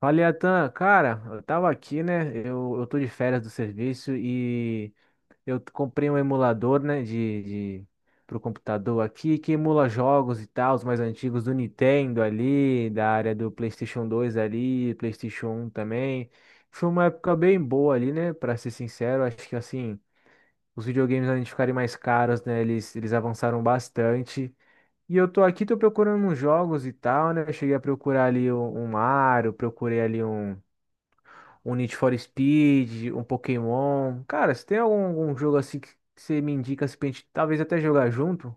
Fala, Atan, cara, eu tava aqui, né? Eu tô de férias do serviço e comprei um emulador, né, de pro computador aqui que emula jogos e tal, os mais antigos do Nintendo ali, da área do PlayStation 2 ali, PlayStation 1 também. Foi uma época bem boa ali, né? Pra ser sincero, acho que assim, os videogames além de ficarem mais caros, né, eles avançaram bastante. E eu tô aqui, tô procurando uns jogos e tal, né? Eu cheguei a procurar ali um Mario, procurei ali um Need for Speed, um Pokémon. Cara, se tem algum jogo assim que você me indica assim, pra gente talvez até jogar junto?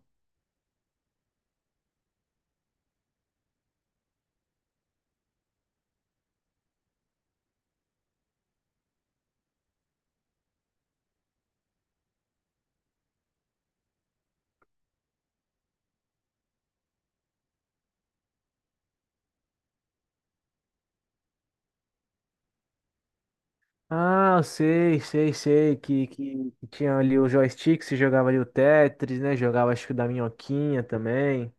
Ah, eu sei, sei, sei, que tinha ali o joystick, você jogava ali o Tetris, né? Jogava acho que o da Minhoquinha também.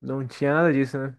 Não tinha nada disso, né?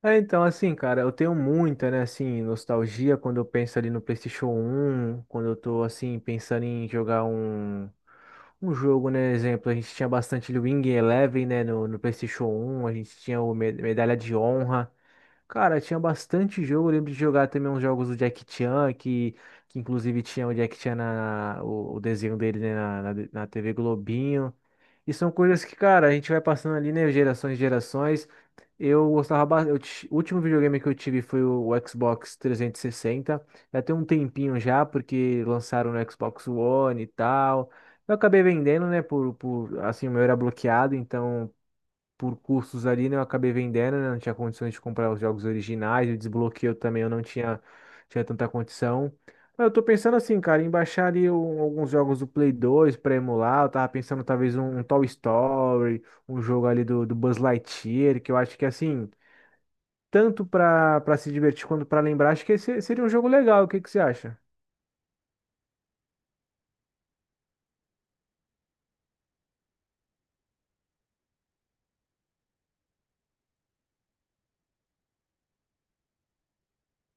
É, então, assim, cara, eu tenho muita, né, assim, nostalgia quando eu penso ali no PlayStation 1 quando eu tô, assim, pensando em jogar jogo, né, exemplo, a gente tinha bastante ali o Wing Eleven, né, no, no PlayStation 1 a gente tinha o Medalha de Honra. Cara, tinha bastante jogo. Eu lembro de jogar também uns jogos do Jack Chan, que inclusive tinha o Jack Chan, o desenho dele, né, na TV Globinho. E são coisas que, cara, a gente vai passando ali, né, gerações e gerações. Eu gostava bastante. O último videogame que eu tive foi o Xbox 360. Já tem um tempinho já, porque lançaram no Xbox One e tal. Eu acabei vendendo, né, por assim, o meu era bloqueado, então por cursos ali, né? Eu acabei vendendo, né? Não tinha condições de comprar os jogos originais, o desbloqueio também eu não tinha, tinha tanta condição. Mas eu tô pensando assim, cara, em baixar ali alguns jogos do Play 2 pra emular. Eu tava pensando talvez Toy Story, um jogo ali do, do Buzz Lightyear, que eu acho que assim, tanto pra, pra se divertir quanto pra lembrar, acho que esse seria um jogo legal. O que que você acha?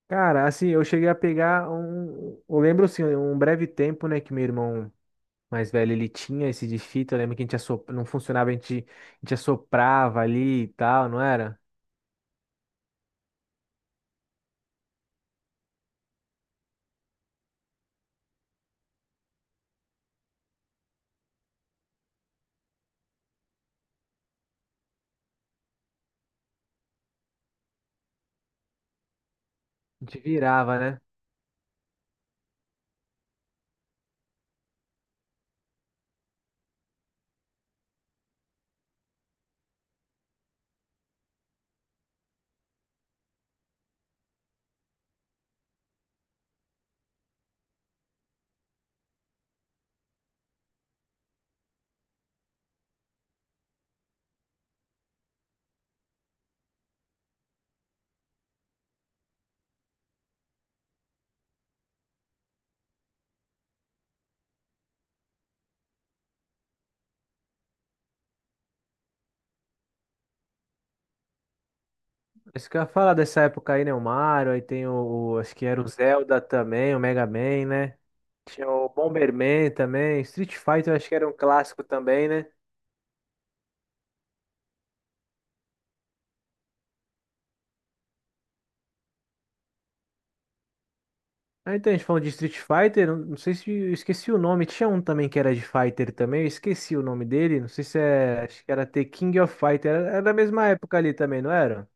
Cara, assim, eu cheguei a pegar um. Eu lembro assim, um breve tempo, né, que meu irmão mais velho, ele tinha esse de fita. Eu lembro que a gente assop, não funcionava, a gente, a gente assoprava ali e tal, não era? A gente virava, né? Isso que eu ia falar dessa época aí, né? O Mario, aí tem acho que era o Zelda também, o Mega Man, né? Tinha o Bomberman também. Street Fighter, acho que era um clássico também, né? Ah, então a gente falou de Street Fighter, não não sei se eu esqueci o nome. Tinha um também que era de Fighter também, eu esqueci o nome dele. Não sei se é. Acho que era The King of Fighter. Era, era da mesma época ali também, não era?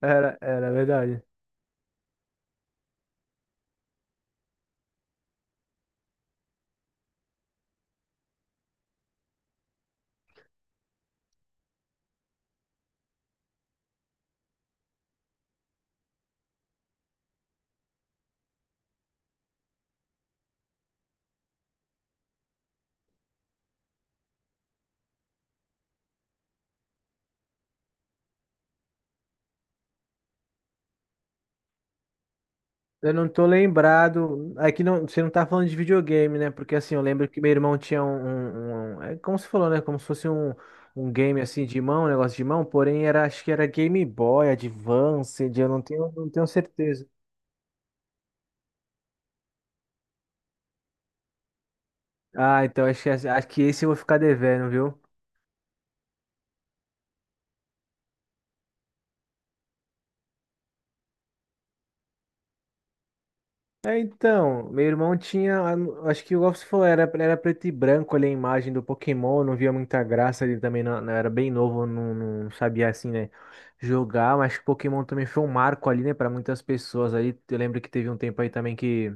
É verdade. Eu não tô lembrado. Aqui não, você não tá falando de videogame, né? Porque assim, eu lembro que meu irmão tinha é como você falou, né? Como se fosse game assim de mão, um negócio de mão, porém era, acho que era Game Boy, Advance, eu não tenho certeza. Ah, então acho que esse eu vou ficar devendo, viu? É, então, meu irmão tinha, acho que igual você falou, era, era preto e branco ali a imagem do Pokémon, eu não via muita graça, ele também não, era bem novo, não, não sabia assim, né, jogar, mas Pokémon também foi um marco ali, né, para muitas pessoas ali. Eu lembro que teve um tempo aí também que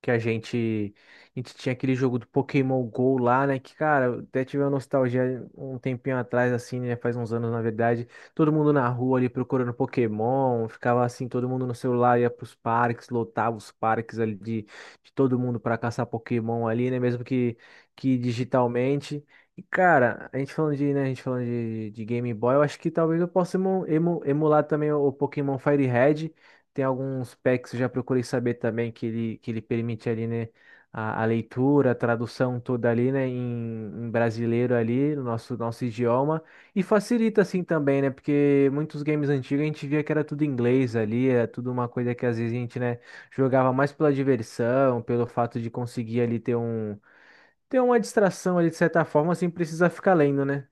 que a gente tinha aquele jogo do Pokémon Go lá, né? Que, cara, eu até tive uma nostalgia um tempinho atrás, assim, né? Faz uns anos, na verdade. Todo mundo na rua ali procurando Pokémon, ficava assim, todo mundo no celular, ia pros parques, lotava os parques ali de todo mundo para caçar Pokémon ali, né? Mesmo que digitalmente. E, cara, a gente falando de, né, a gente falando de Game Boy, eu acho que talvez eu possa emular também o Pokémon Fire Red. Tem alguns packs, que eu já procurei saber também que ele permite ali, né, a leitura, a tradução toda ali, né, brasileiro ali, no nosso idioma. E facilita assim também, né, porque muitos games antigos a gente via que era tudo em inglês ali, era tudo uma coisa que às vezes a gente, né, jogava mais pela diversão, pelo fato de conseguir ali ter uma distração ali de certa forma, sem precisar ficar lendo, né?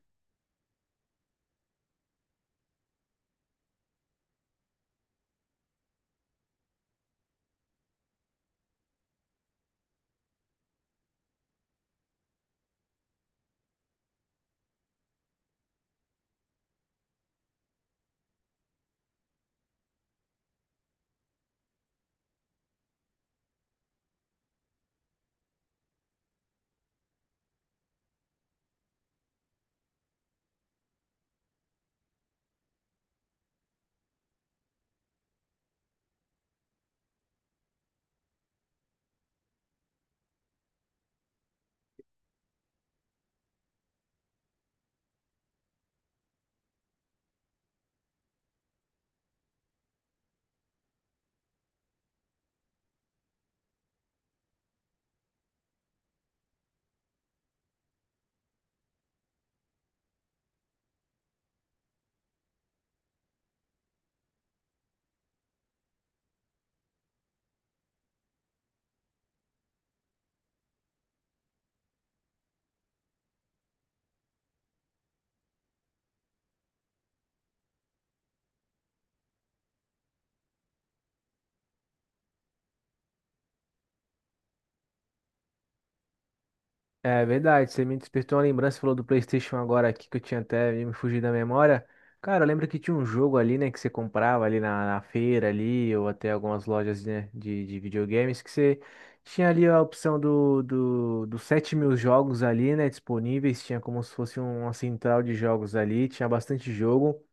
É verdade, você me despertou uma lembrança, falou do PlayStation agora aqui que eu tinha até me fugido da memória. Cara, eu lembro que tinha um jogo ali, né, que você comprava ali na, na feira ali, ou até algumas lojas, né, de videogames, que você tinha ali a opção dos 7.000 jogos ali, né, disponíveis, tinha como se fosse uma central de jogos ali, tinha bastante jogo.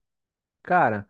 Cara,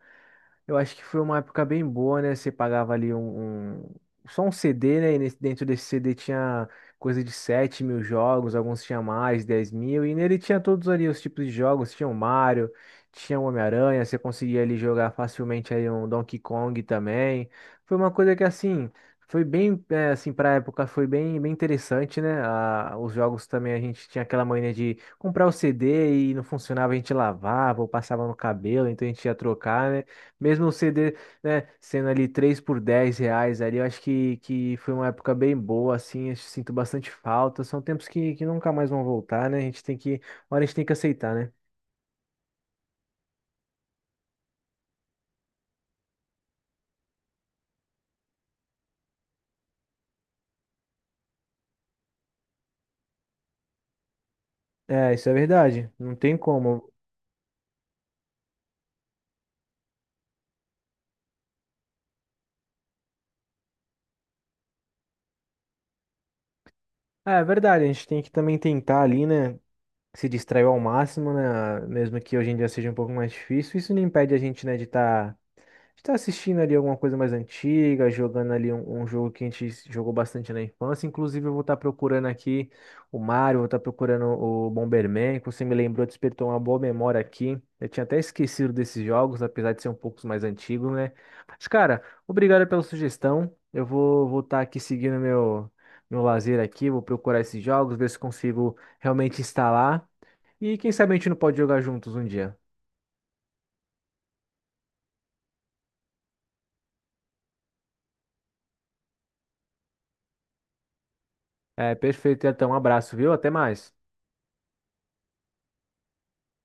eu acho que foi uma época bem boa, né? Você pagava ali só um CD, né? E dentro desse CD tinha coisa de 7.000 jogos, alguns tinha mais, 10.000, e nele tinha todos ali os tipos de jogos, tinha o Mario, tinha o Homem-Aranha, você conseguia ali jogar facilmente ali um Donkey Kong também. Foi uma coisa que assim, foi bem, é, assim, pra época foi bem, bem interessante, né? Os jogos também a gente tinha aquela mania de comprar o CD e não funcionava, a gente lavava ou passava no cabelo, então a gente ia trocar, né? Mesmo o CD, né, sendo ali 3 por 10 reais ali, eu acho que foi uma época bem boa, assim, eu sinto bastante falta. São tempos que nunca mais vão voltar, né? A gente tem que, uma hora a gente tem que aceitar, né? É, isso é verdade, não tem como. É, é verdade, a gente tem que também tentar ali, né, se distrair ao máximo, né, mesmo que hoje em dia seja um pouco mais difícil. Isso não impede a gente, né, de estar. A gente tá assistindo ali alguma coisa mais antiga, jogando ali jogo que a gente jogou bastante na infância. Inclusive, eu vou estar procurando aqui o Mario, vou estar procurando o Bomberman, que você me lembrou, despertou uma boa memória aqui. Eu tinha até esquecido desses jogos, apesar de ser um pouco mais antigo, né? Mas, cara, obrigado pela sugestão. Eu vou voltar aqui seguindo meu lazer aqui, vou procurar esses jogos, ver se consigo realmente instalar. E quem sabe a gente não pode jogar juntos um dia. É, perfeito. Então, um abraço, viu? Até mais.